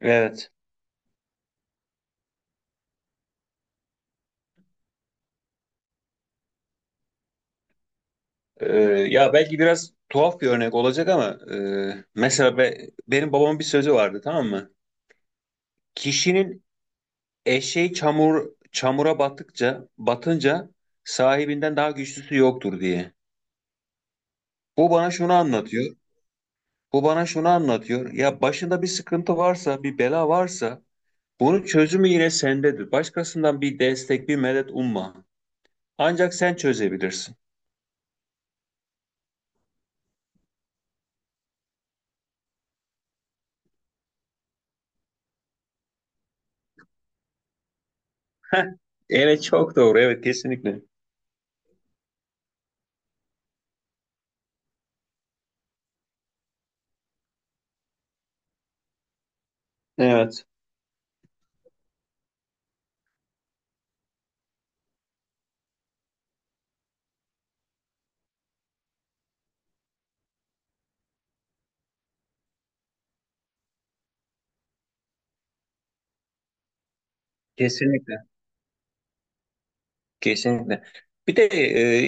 Evet. Ee, Ya belki biraz tuhaf bir örnek olacak ama mesela benim babamın bir sözü vardı, tamam mı? Kişinin eşeği çamura battıkça batınca sahibinden daha güçlüsü yoktur diye. Bu bana şunu anlatıyor. Bu bana şunu anlatıyor. Ya başında bir sıkıntı varsa, bir bela varsa bunun çözümü yine sendedir. Başkasından bir destek, bir medet umma. Ancak sen çözebilirsin. Heh, evet çok doğru. Evet kesinlikle. Evet. Kesinlikle. Kesinlikle. Bir de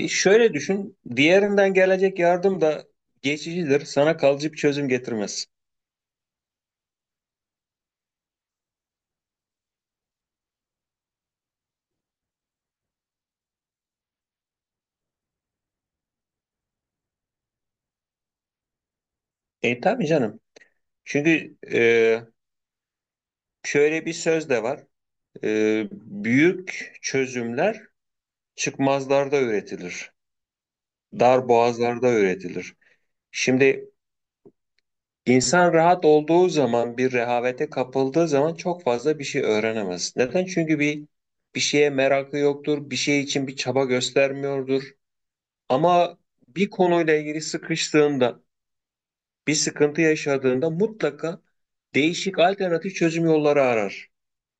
şöyle düşün, diğerinden gelecek yardım da geçicidir, sana kalıcı bir çözüm getirmez. E tabii canım. Çünkü şöyle bir söz de var. E, büyük çözümler çıkmazlarda üretilir, dar boğazlarda üretilir. Şimdi insan rahat olduğu zaman, bir rehavete kapıldığı zaman çok fazla bir şey öğrenemez. Neden? Çünkü bir şeye merakı yoktur, bir şey için bir çaba göstermiyordur. Ama bir konuyla ilgili sıkıştığında, bir sıkıntı yaşadığında mutlaka değişik alternatif çözüm yolları arar.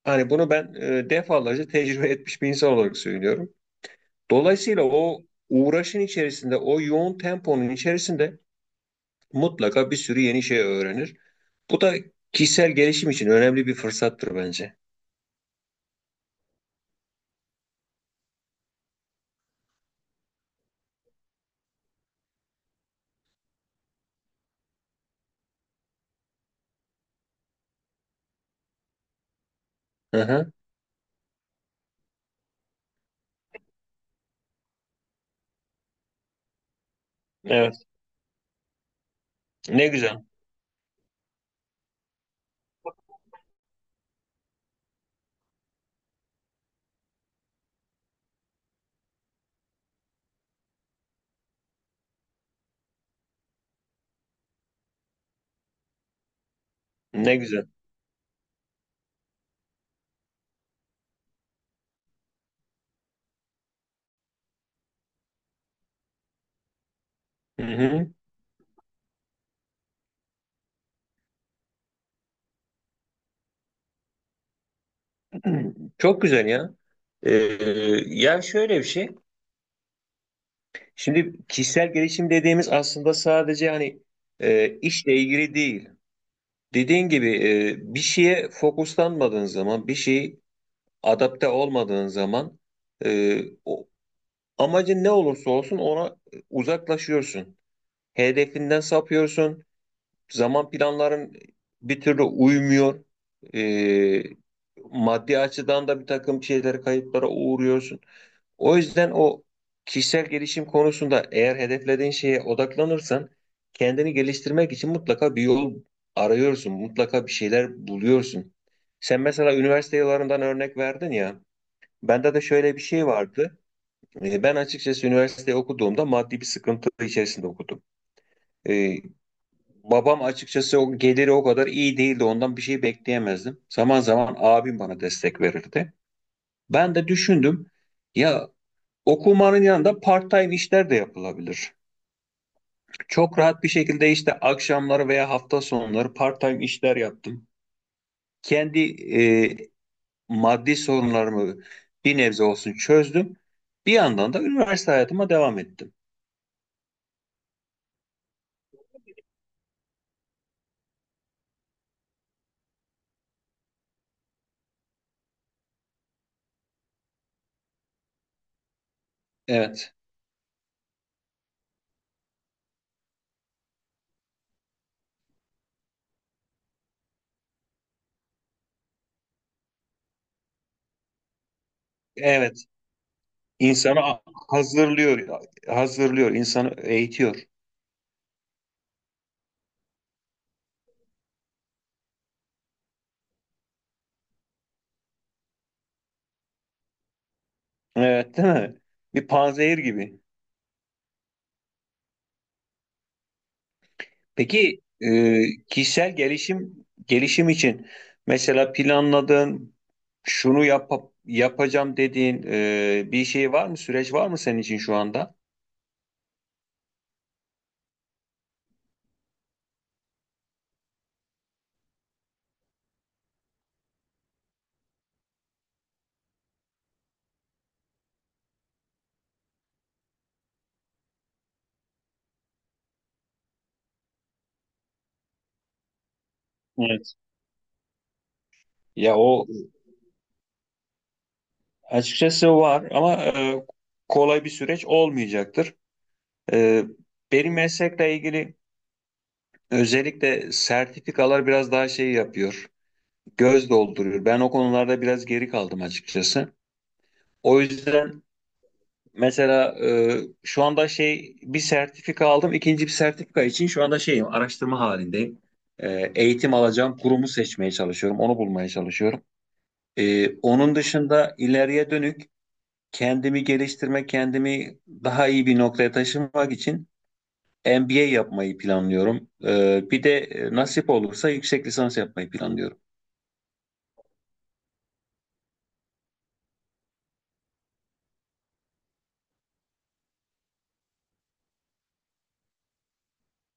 Hani bunu ben defalarca tecrübe etmiş bir insan olarak söylüyorum. Dolayısıyla o uğraşın içerisinde, o yoğun temponun içerisinde mutlaka bir sürü yeni şey öğrenir. Bu da kişisel gelişim için önemli bir fırsattır bence. Hı hı. Evet. Ne güzel. Ne güzel. Hı hı. Çok güzel ya. Ee, Yani şöyle bir şey. Şimdi kişisel gelişim dediğimiz aslında sadece hani işle ilgili değil. Dediğin gibi bir şeye fokuslanmadığın zaman, bir şeyi adapte olmadığın zaman e, o, amacın ne olursa olsun ona uzaklaşıyorsun. Hedefinden sapıyorsun. Zaman planların bir türlü uymuyor. Ee, Maddi açıdan da bir takım şeyler kayıplara uğruyorsun. O yüzden o kişisel gelişim konusunda eğer hedeflediğin şeye odaklanırsan kendini geliştirmek için mutlaka bir yol arıyorsun. Mutlaka bir şeyler buluyorsun. Sen mesela üniversite yıllarından örnek verdin ya. Bende de şöyle bir şey vardı. Ben açıkçası üniversite okuduğumda maddi bir sıkıntı içerisinde okudum. Ee, Babam açıkçası o geliri o kadar iyi değildi. Ondan bir şey bekleyemezdim. Zaman zaman abim bana destek verirdi. Ben de düşündüm. Ya okumanın yanında part-time işler de yapılabilir. Çok rahat bir şekilde işte akşamları veya hafta sonları part-time işler yaptım. Kendi e, maddi sorunlarımı bir nebze olsun çözdüm. Bir yandan da üniversite hayatıma devam ettim. Evet. Evet. İnsanı hazırlıyor, hazırlıyor, insanı eğitiyor. Evet, değil mi? Bir panzehir gibi. Peki kişisel gelişim için mesela planladığın şunu yap yapacağım dediğin bir şey var mı? Süreç var mı senin için şu anda? Evet. Ya o açıkçası var ama kolay bir süreç olmayacaktır. E, benim meslekle ilgili özellikle sertifikalar biraz daha şey yapıyor, göz dolduruyor. Ben o konularda biraz geri kaldım açıkçası. O yüzden mesela şu anda şey bir sertifika aldım. İkinci bir sertifika için şu anda şeyim araştırma halindeyim. E, eğitim alacağım kurumu seçmeye çalışıyorum. Onu bulmaya çalışıyorum. E, onun dışında ileriye dönük kendimi geliştirmek, kendimi daha iyi bir noktaya taşımak için MBA yapmayı planlıyorum. Bir de nasip olursa yüksek lisans yapmayı planlıyorum.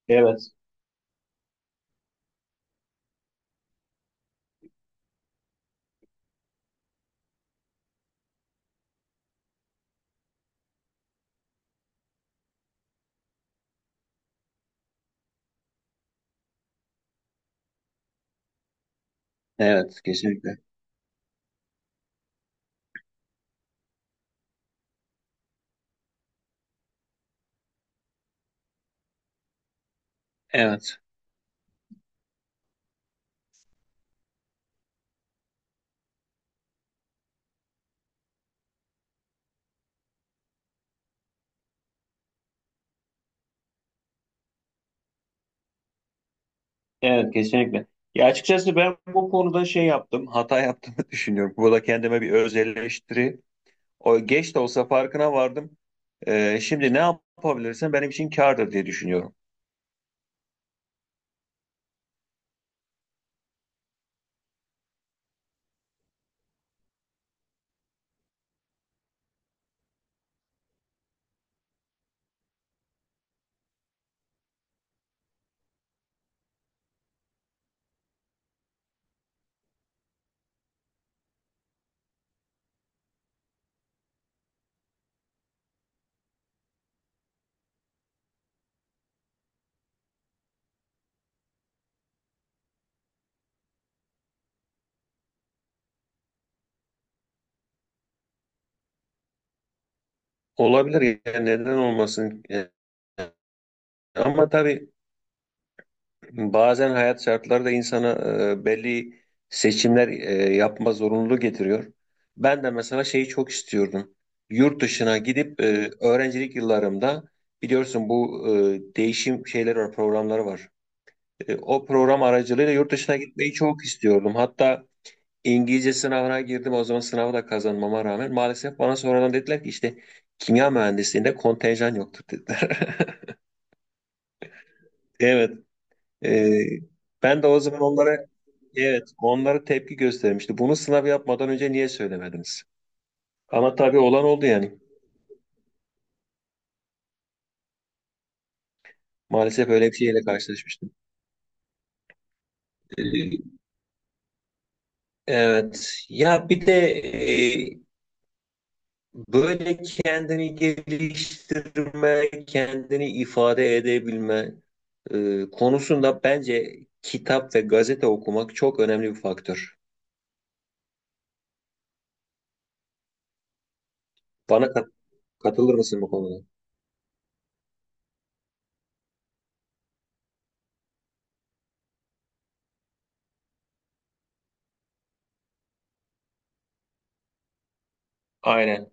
Evet. Evet, kesinlikle. Evet. Evet kesinlikle. Ya açıkçası ben bu konuda şey yaptım, hata yaptığımı düşünüyorum. Burada kendime bir öz eleştiri. O geç de olsa farkına vardım. Şimdi ne yapabilirsem benim için kârdır diye düşünüyorum. Olabilir, yani neden olmasın? Ama tabii bazen hayat şartları da insana belli seçimler yapma zorunluluğu getiriyor. Ben de mesela şeyi çok istiyordum. Yurt dışına gidip öğrencilik yıllarımda biliyorsun bu değişim şeyleri var, programları var. E, o program aracılığıyla yurt dışına gitmeyi çok istiyordum. Hatta İngilizce sınavına girdim. O zaman sınavı da kazanmama rağmen maalesef bana sonradan dediler ki işte kimya mühendisliğinde kontenjan yoktur dediler. Evet. E, Ben de o zaman onlara, evet, onlara tepki göstermişti. Bunu sınav yapmadan önce niye söylemediniz? Ama tabii olan oldu yani. Maalesef öyle bir şeyle karşılaşmıştım. Ee, Evet. Ya bir de e, böyle kendini geliştirme, kendini ifade edebilme konusunda bence kitap ve gazete okumak çok önemli bir faktör. Bana katılır mısın bu konuda? Aynen.